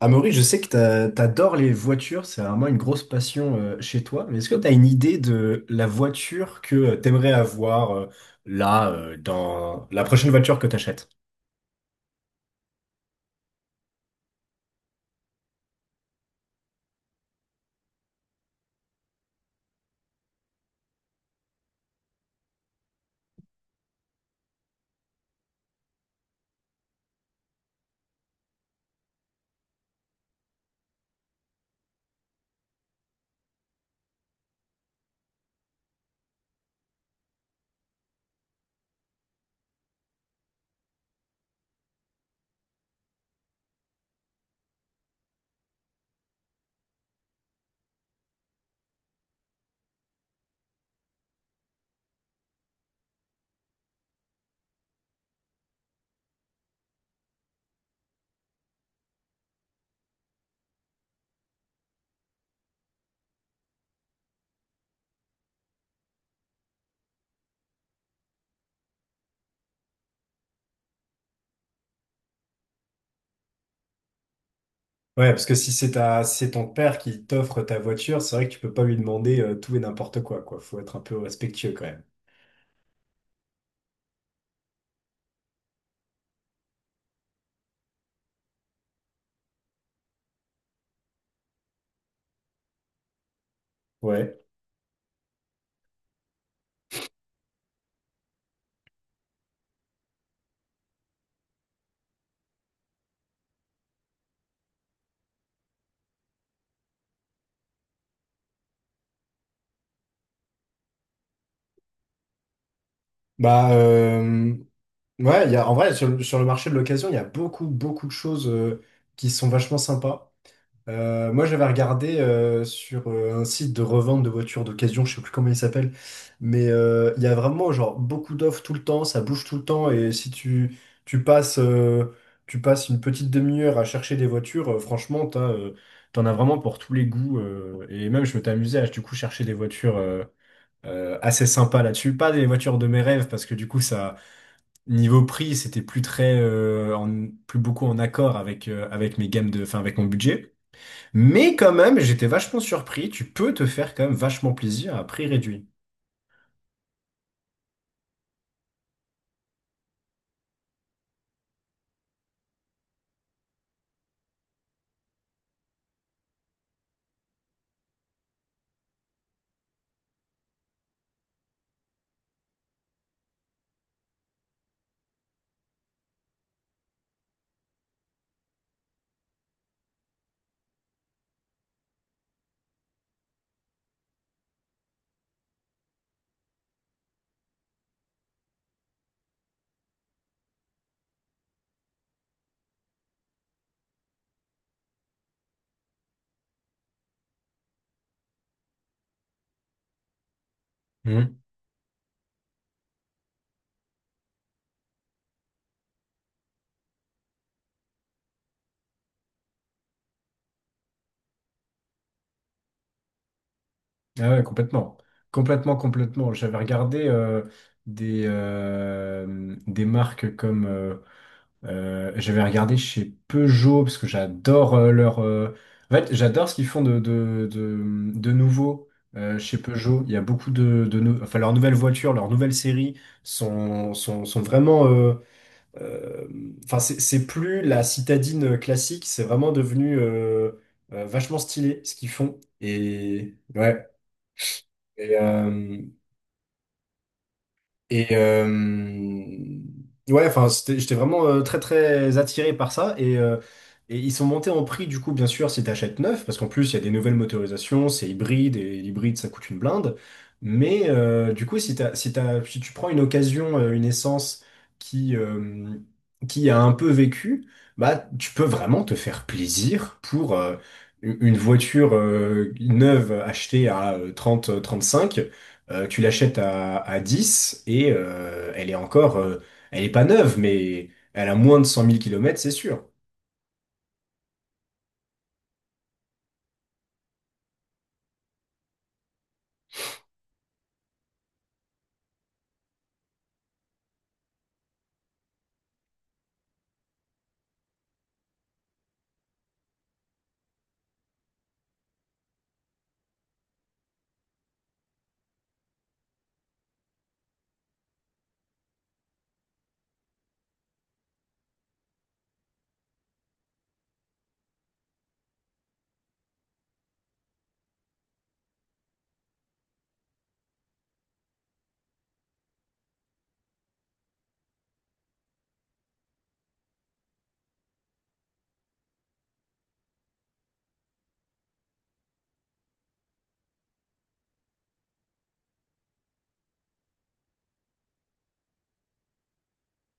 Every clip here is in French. Amaury, je sais que t'adores les voitures, c'est vraiment une grosse passion chez toi, mais est-ce que t'as une idée de la voiture que t'aimerais avoir dans la prochaine voiture que t'achètes? Ouais, parce que si c'est ton père qui t'offre ta voiture, c'est vrai que tu peux pas lui demander tout et n'importe quoi, quoi. Faut être un peu respectueux quand même. Ouais. Bah, euh, ouais, en vrai, sur le marché de l'occasion, il y a beaucoup, beaucoup de choses qui sont vachement sympas. Moi, j'avais regardé sur un site de revente de voitures d'occasion, je sais plus comment il s'appelle, mais il y a vraiment genre beaucoup d'offres tout le temps, ça bouge tout le temps, et si tu, tu passes, euh, tu passes une petite demi-heure à chercher des voitures, franchement, t'en as vraiment pour tous les goûts, et même je m'étais amusé à du coup chercher des voitures assez sympas là-dessus, pas des voitures de mes rêves, parce que du coup, ça, niveau prix, c'était plus très, plus beaucoup en accord avec, avec enfin, avec mon budget. Mais quand même, j'étais vachement surpris. Tu peux te faire quand même vachement plaisir à prix réduit. Mhm. Ah ouais, complètement. Complètement, complètement. J'avais regardé des marques comme... j'avais regardé chez Peugeot, parce que j'adore leur... En fait, j'adore ce qu'ils font de nouveau chez Peugeot. Il y a beaucoup de... Enfin, leurs nouvelles voitures, leurs nouvelles séries sont vraiment... euh, enfin, c'est plus la citadine classique, c'est vraiment devenu vachement stylé ce qu'ils font. Et ouais. Et ouais, enfin, j'étais vraiment très très attiré par ça. Et ils sont montés en prix, du coup, bien sûr, si t'achètes neuf, parce qu'en plus, il y a des nouvelles motorisations, c'est hybride, et l'hybride, ça coûte une blinde. Mais du coup, si tu prends une occasion, une essence qui, euh, qui a un peu vécu, bah, tu peux vraiment te faire plaisir pour une voiture neuve achetée à trente trente-cinq. Tu l'achètes à 10 et elle est encore, elle est pas neuve, mais elle a moins de cent mille kilomètres, c'est sûr.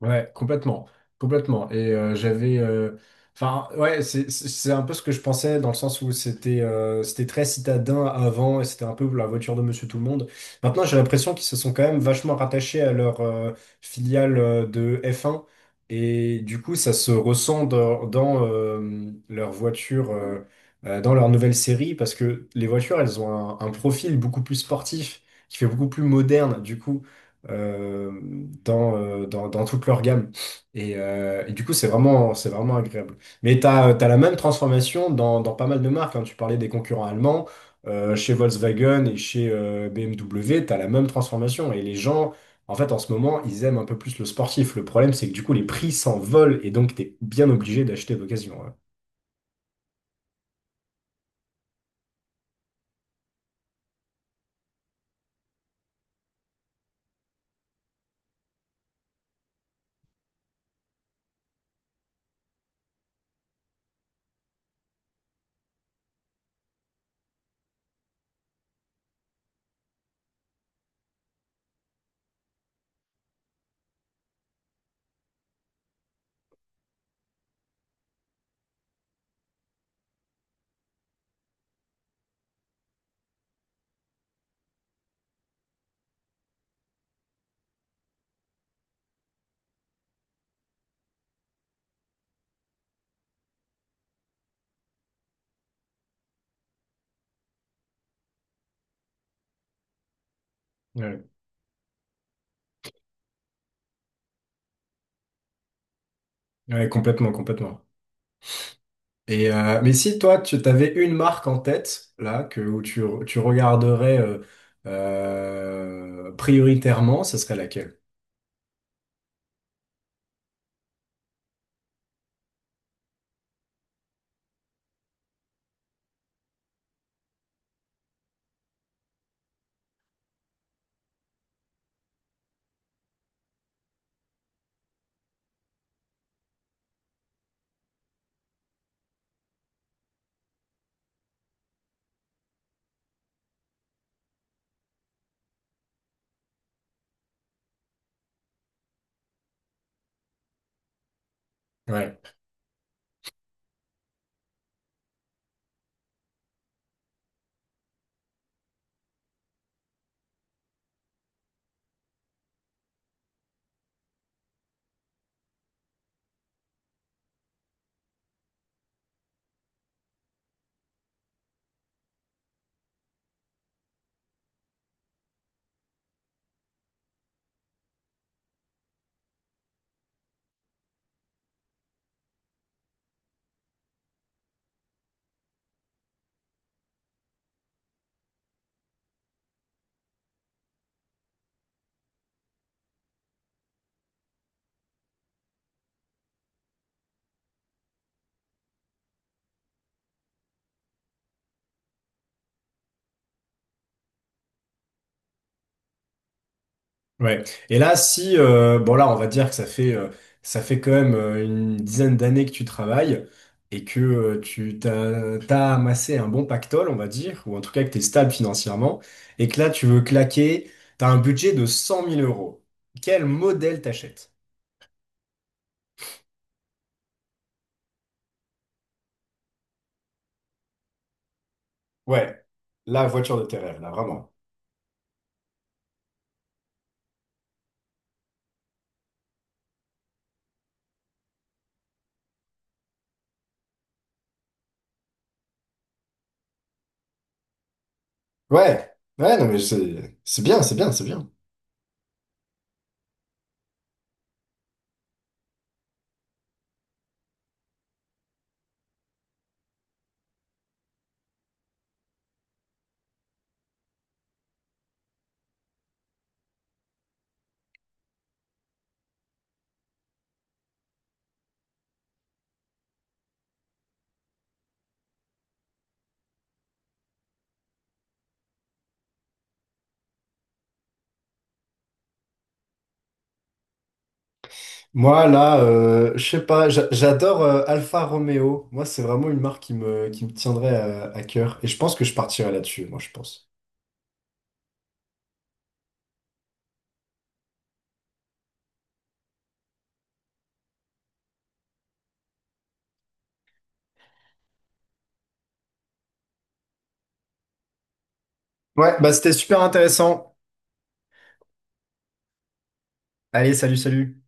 Ouais, complètement, complètement. Et j'avais, enfin, ouais, c'est un peu ce que je pensais dans le sens où c'était c'était très citadin avant et c'était un peu la voiture de Monsieur Tout le Monde. Maintenant, j'ai l'impression qu'ils se sont quand même vachement rattachés à leur filiale de f un et du coup, ça se ressent dans leur voiture, dans leur nouvelle série parce que les voitures, elles ont un profil beaucoup plus sportif qui fait beaucoup plus moderne. Du coup euh, dans toute leur gamme. Et du coup, c'est vraiment agréable. Mais tu as, la même transformation dans, dans pas mal de marques, hein. Tu parlais des concurrents allemands. Chez Volkswagen et chez BMW, tu as la même transformation. Et les gens, en fait, en ce moment, ils aiment un peu plus le sportif. Le problème, c'est que du coup, les prix s'envolent et donc tu es bien obligé d'acheter d'occasion, ouais. Ouais. Ouais, complètement, complètement. Et mais si toi, tu t'avais une marque en tête, là, que, où tu regarderais prioritairement, ce serait laquelle? Ouais, ouais. Et là, si, bon là, on va dire que ça fait quand même une dizaine d'années que tu travailles et que t'as amassé un bon pactole, on va dire, ou en tout cas que tu es stable financièrement, et que là, tu veux claquer, tu as un budget de cent mille euros. Quel modèle t'achètes? Ouais, la voiture de tes rêves, là, vraiment. Ouais, ouais, non, mais c'est c'est bien. Moi, là, je sais pas, j'adore Alfa Romeo. Moi, c'est vraiment une marque qui me tiendrait à cœur. Et je pense que je partirais là-dessus, moi, je pense. Ouais, bah c'était super intéressant. Allez, salut, salut.